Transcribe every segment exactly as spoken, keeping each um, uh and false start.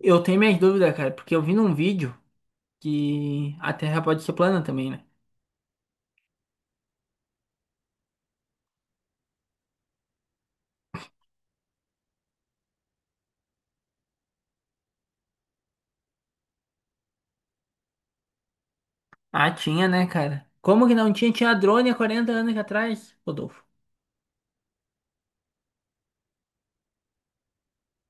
Eu tenho minhas dúvidas, cara, porque eu vi num vídeo que a Terra pode ser plana também, né? Ah, tinha, né, cara? Como que não tinha? Tinha drone há quarenta anos atrás, Rodolfo.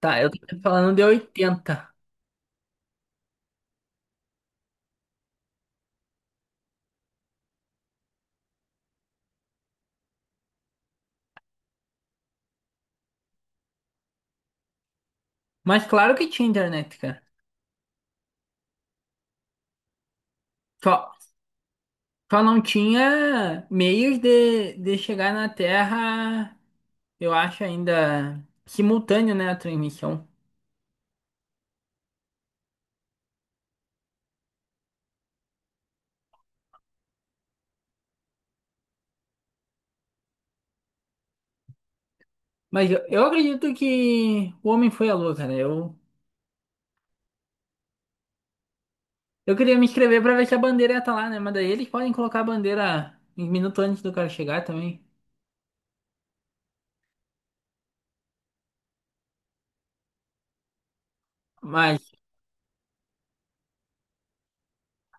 Tá, eu tô falando de oitenta. Mas claro que tinha internet, cara. Só, só não tinha meios de, de chegar na Terra, eu acho ainda simultâneo, né, a transmissão. Mas eu, eu acredito que o homem foi à lua, cara. Eu, Eu queria me inscrever pra ver se a bandeira ia estar lá, né? Mas daí eles podem colocar a bandeira um minuto antes do cara chegar também. Mas,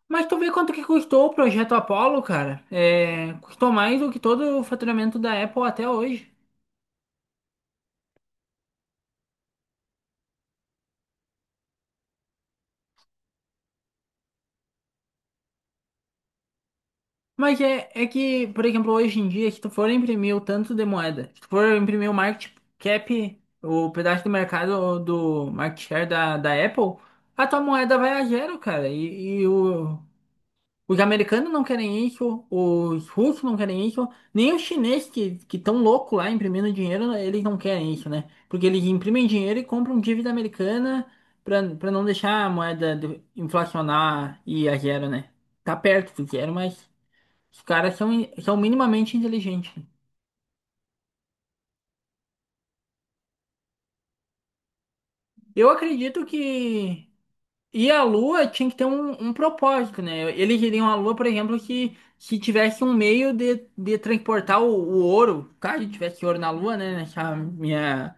mas tu vê quanto que custou o projeto Apollo, cara? É, custou mais do que todo o faturamento da Apple até hoje. Mas é, é que, por exemplo, hoje em dia, se tu for imprimir o tanto de moeda, se tu for imprimir o market cap, o pedaço do mercado do market share da, da Apple, a tua moeda vai a zero, cara. E, e o, Os americanos não querem isso, os russos não querem isso, nem os chineses que que estão loucos lá imprimindo dinheiro, eles não querem isso, né? Porque eles imprimem dinheiro e compram dívida americana para para não deixar a moeda de- inflacionar e ir a zero, né? Tá perto do zero, mas os caras são, in- são minimamente inteligentes. Eu acredito que E a Lua tinha que ter um, um propósito, né? Eles iriam a Lua, por exemplo, que, que tivesse um meio de, de transportar o, o ouro. Caso tivesse ouro na Lua, né? Nessa minha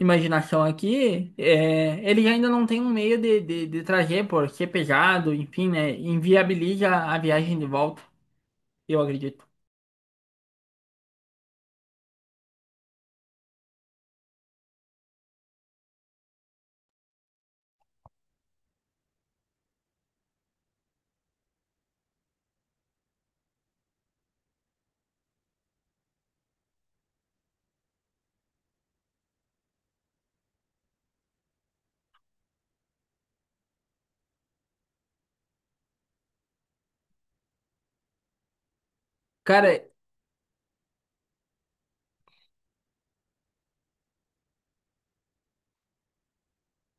imaginação aqui, é, eles ainda não tem um meio de, de, de trazer, por ser pesado, enfim, né? Inviabiliza a viagem de volta, eu acredito. Cara,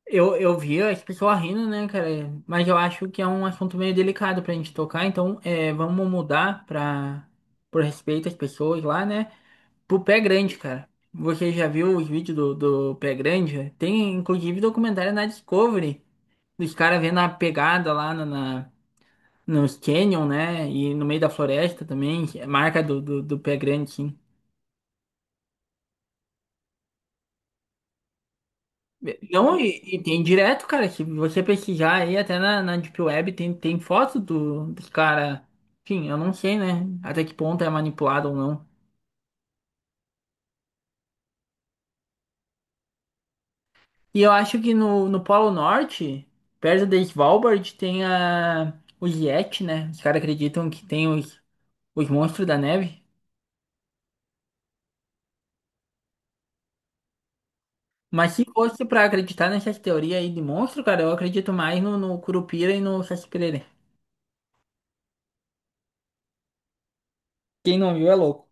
eu, eu vi as pessoas rindo, né, cara? Mas eu acho que é um assunto meio delicado pra gente tocar, então é, vamos mudar pra, por respeito às pessoas lá, né? Pro Pé Grande, cara. Você já viu os vídeos do, do Pé Grande? Tem inclusive documentário na Discovery. Os caras vendo a pegada lá na, na- nos Canyon, né? E no meio da floresta também. É marca do, do, do Pé Grande, sim. Não, e, e tem direto, cara. Se você pesquisar aí, até na, na Deep Web, tem, tem foto do, dos cara. Enfim, eu não sei, né? Até que ponto é manipulado ou não. E eu acho que no, no Polo Norte, perto de Svalbard, tem a, os Yeti, né? Os caras acreditam que tem os, os monstros da neve. Mas se fosse pra acreditar nessas teorias aí de monstro, cara, eu acredito mais no, no Curupira e no Saci-Pererê. Quem não viu é louco.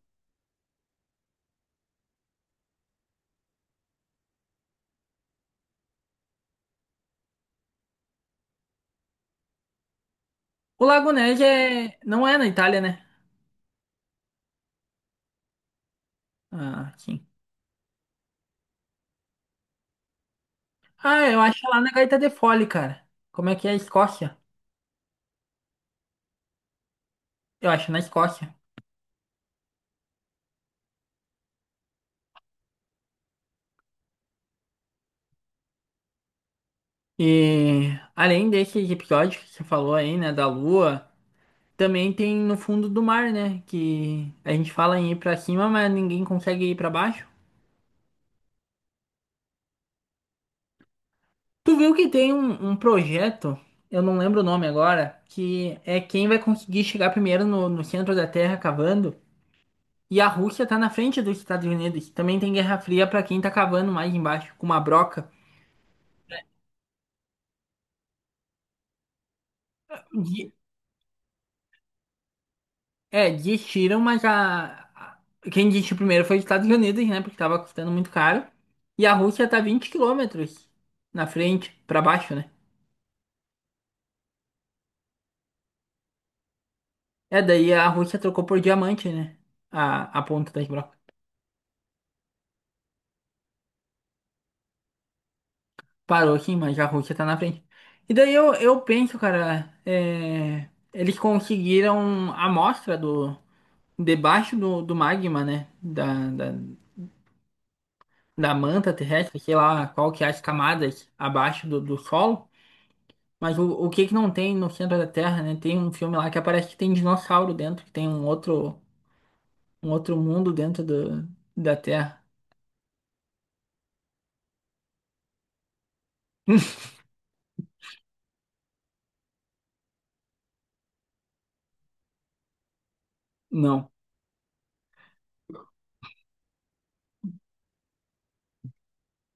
O Lago Nege é... não é na Itália, né? Ah, sim. Ah, eu acho lá na Gaita de Fole, cara. Como é que é a Escócia? Eu acho na Escócia. E além desses episódios que você falou aí, né, da Lua. Também tem no fundo do mar, né? Que a gente fala em ir pra cima, mas ninguém consegue ir pra baixo. Tu viu que tem um, um projeto, eu não lembro o nome agora, que é quem vai conseguir chegar primeiro no, no centro da Terra cavando. E a Rússia tá na frente dos Estados Unidos. Também tem Guerra Fria pra quem tá cavando mais embaixo, com uma broca. Di- é, diz tiram, mas a, a- quem disse primeiro foi os Estados Unidos, né? Porque tava custando muito caro. E a Rússia tá vinte quilômetros na frente, pra baixo, né? É, daí a Rússia trocou por diamante, né? A, a ponta da broca. Parou aqui, mas a Rússia tá na frente. E daí eu, eu penso, cara, é, eles conseguiram a amostra do, debaixo do, do magma, né? Da, da, da manta terrestre, sei lá qual que é as camadas abaixo do, do solo. Mas o, o que que não tem no centro da Terra, né? Tem um filme lá que aparece que tem dinossauro dentro, que tem um outro, um outro mundo dentro do, da Terra. Não.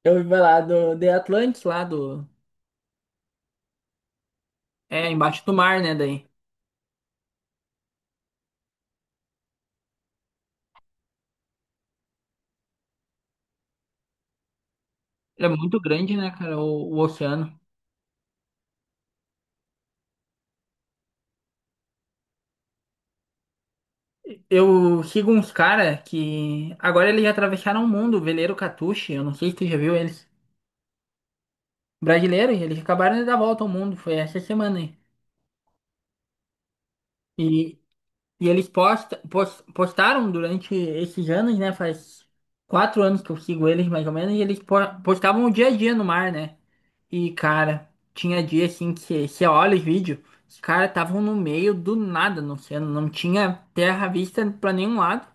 Eu ouvi falar do The Atlantis lá do. É, embaixo do mar, né? Daí. Ele é muito grande, né, cara, o, o oceano. Eu sigo uns cara que. Agora eles já atravessaram o mundo, o veleiro Catuche, eu não sei se tu já viu eles. Brasileiro, e eles acabaram de dar a volta ao mundo, foi essa semana aí. E E eles posta, pos- postaram durante esses anos, né? Faz quatro anos que eu sigo eles, mais ou menos, e eles po- postavam o dia a dia no mar, né? E, cara, tinha dia assim que você você olha os vídeos, os caras estavam no meio do nada no oceano, não tinha terra à vista pra nenhum lado.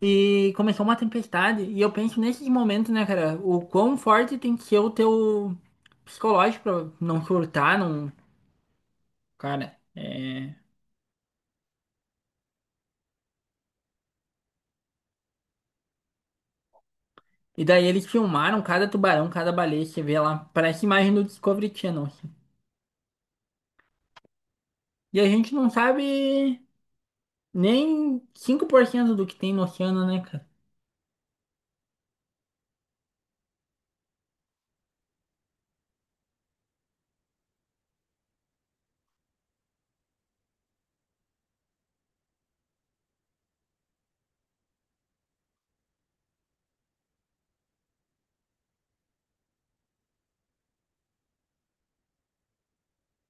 E começou uma tempestade. E eu penso nesses momentos, né, cara, o quão forte tem que ser o teu psicológico pra não surtar, não. Cara, é, E daí eles filmaram cada tubarão, cada baleia, você vê lá, parece imagem do Discovery Channel assim. E a gente não sabe nem cinco por cento do que tem no oceano, né, cara?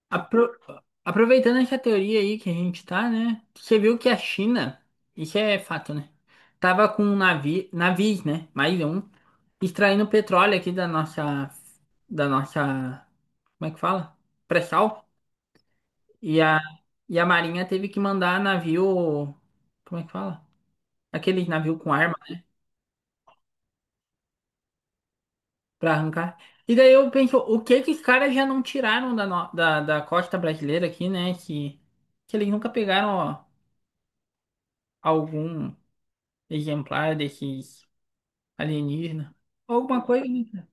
Apro- Aproveitando essa teoria aí que a gente tá, né? Você viu que a China, isso é fato, né? Tava com um navio, navios, né? Mais um, extraindo petróleo aqui da nossa, da nossa, como é que fala? Pré-sal. E a, e a Marinha teve que mandar navio, como é que fala? Aquele navio com arma né, pra arrancar. E daí eu penso, o que que os caras já não tiraram da, no- da, da costa brasileira aqui, né? Que, que eles nunca pegaram ó, algum exemplar desses alienígenas. Alguma coisa, né, cara?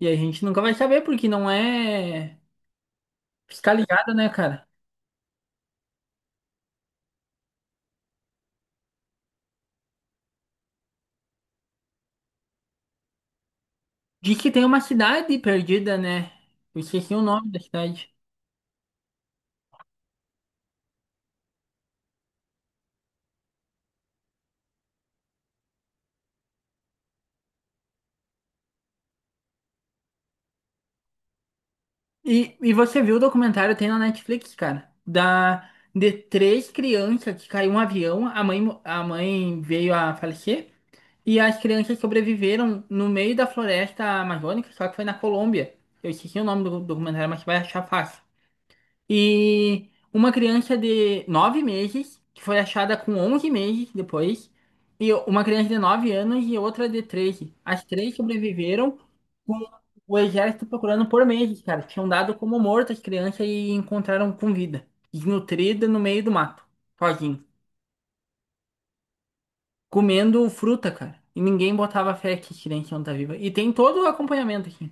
E a gente nunca vai saber, porque não é fiscalizado, né, cara? Diz que tem uma cidade perdida, né? Eu esqueci o nome da cidade. E, e você viu o documentário, tem na Netflix, cara, da, de três crianças que caiu um avião, a mãe, mo- a mãe veio a falecer, e as crianças sobreviveram no meio da floresta amazônica, só que foi na Colômbia. Eu esqueci o nome do documentário, mas você vai achar fácil. E uma criança de nove meses, que foi achada com onze meses depois, e uma criança de nove anos e outra de treze. As três sobreviveram com o exército procurando por meses, cara. Tinham dado como morta as crianças e encontraram com vida, desnutrida no meio do mato, sozinho, comendo fruta, cara. E ninguém botava fé que as crianças iam estar vivas. E tem todo o acompanhamento aqui.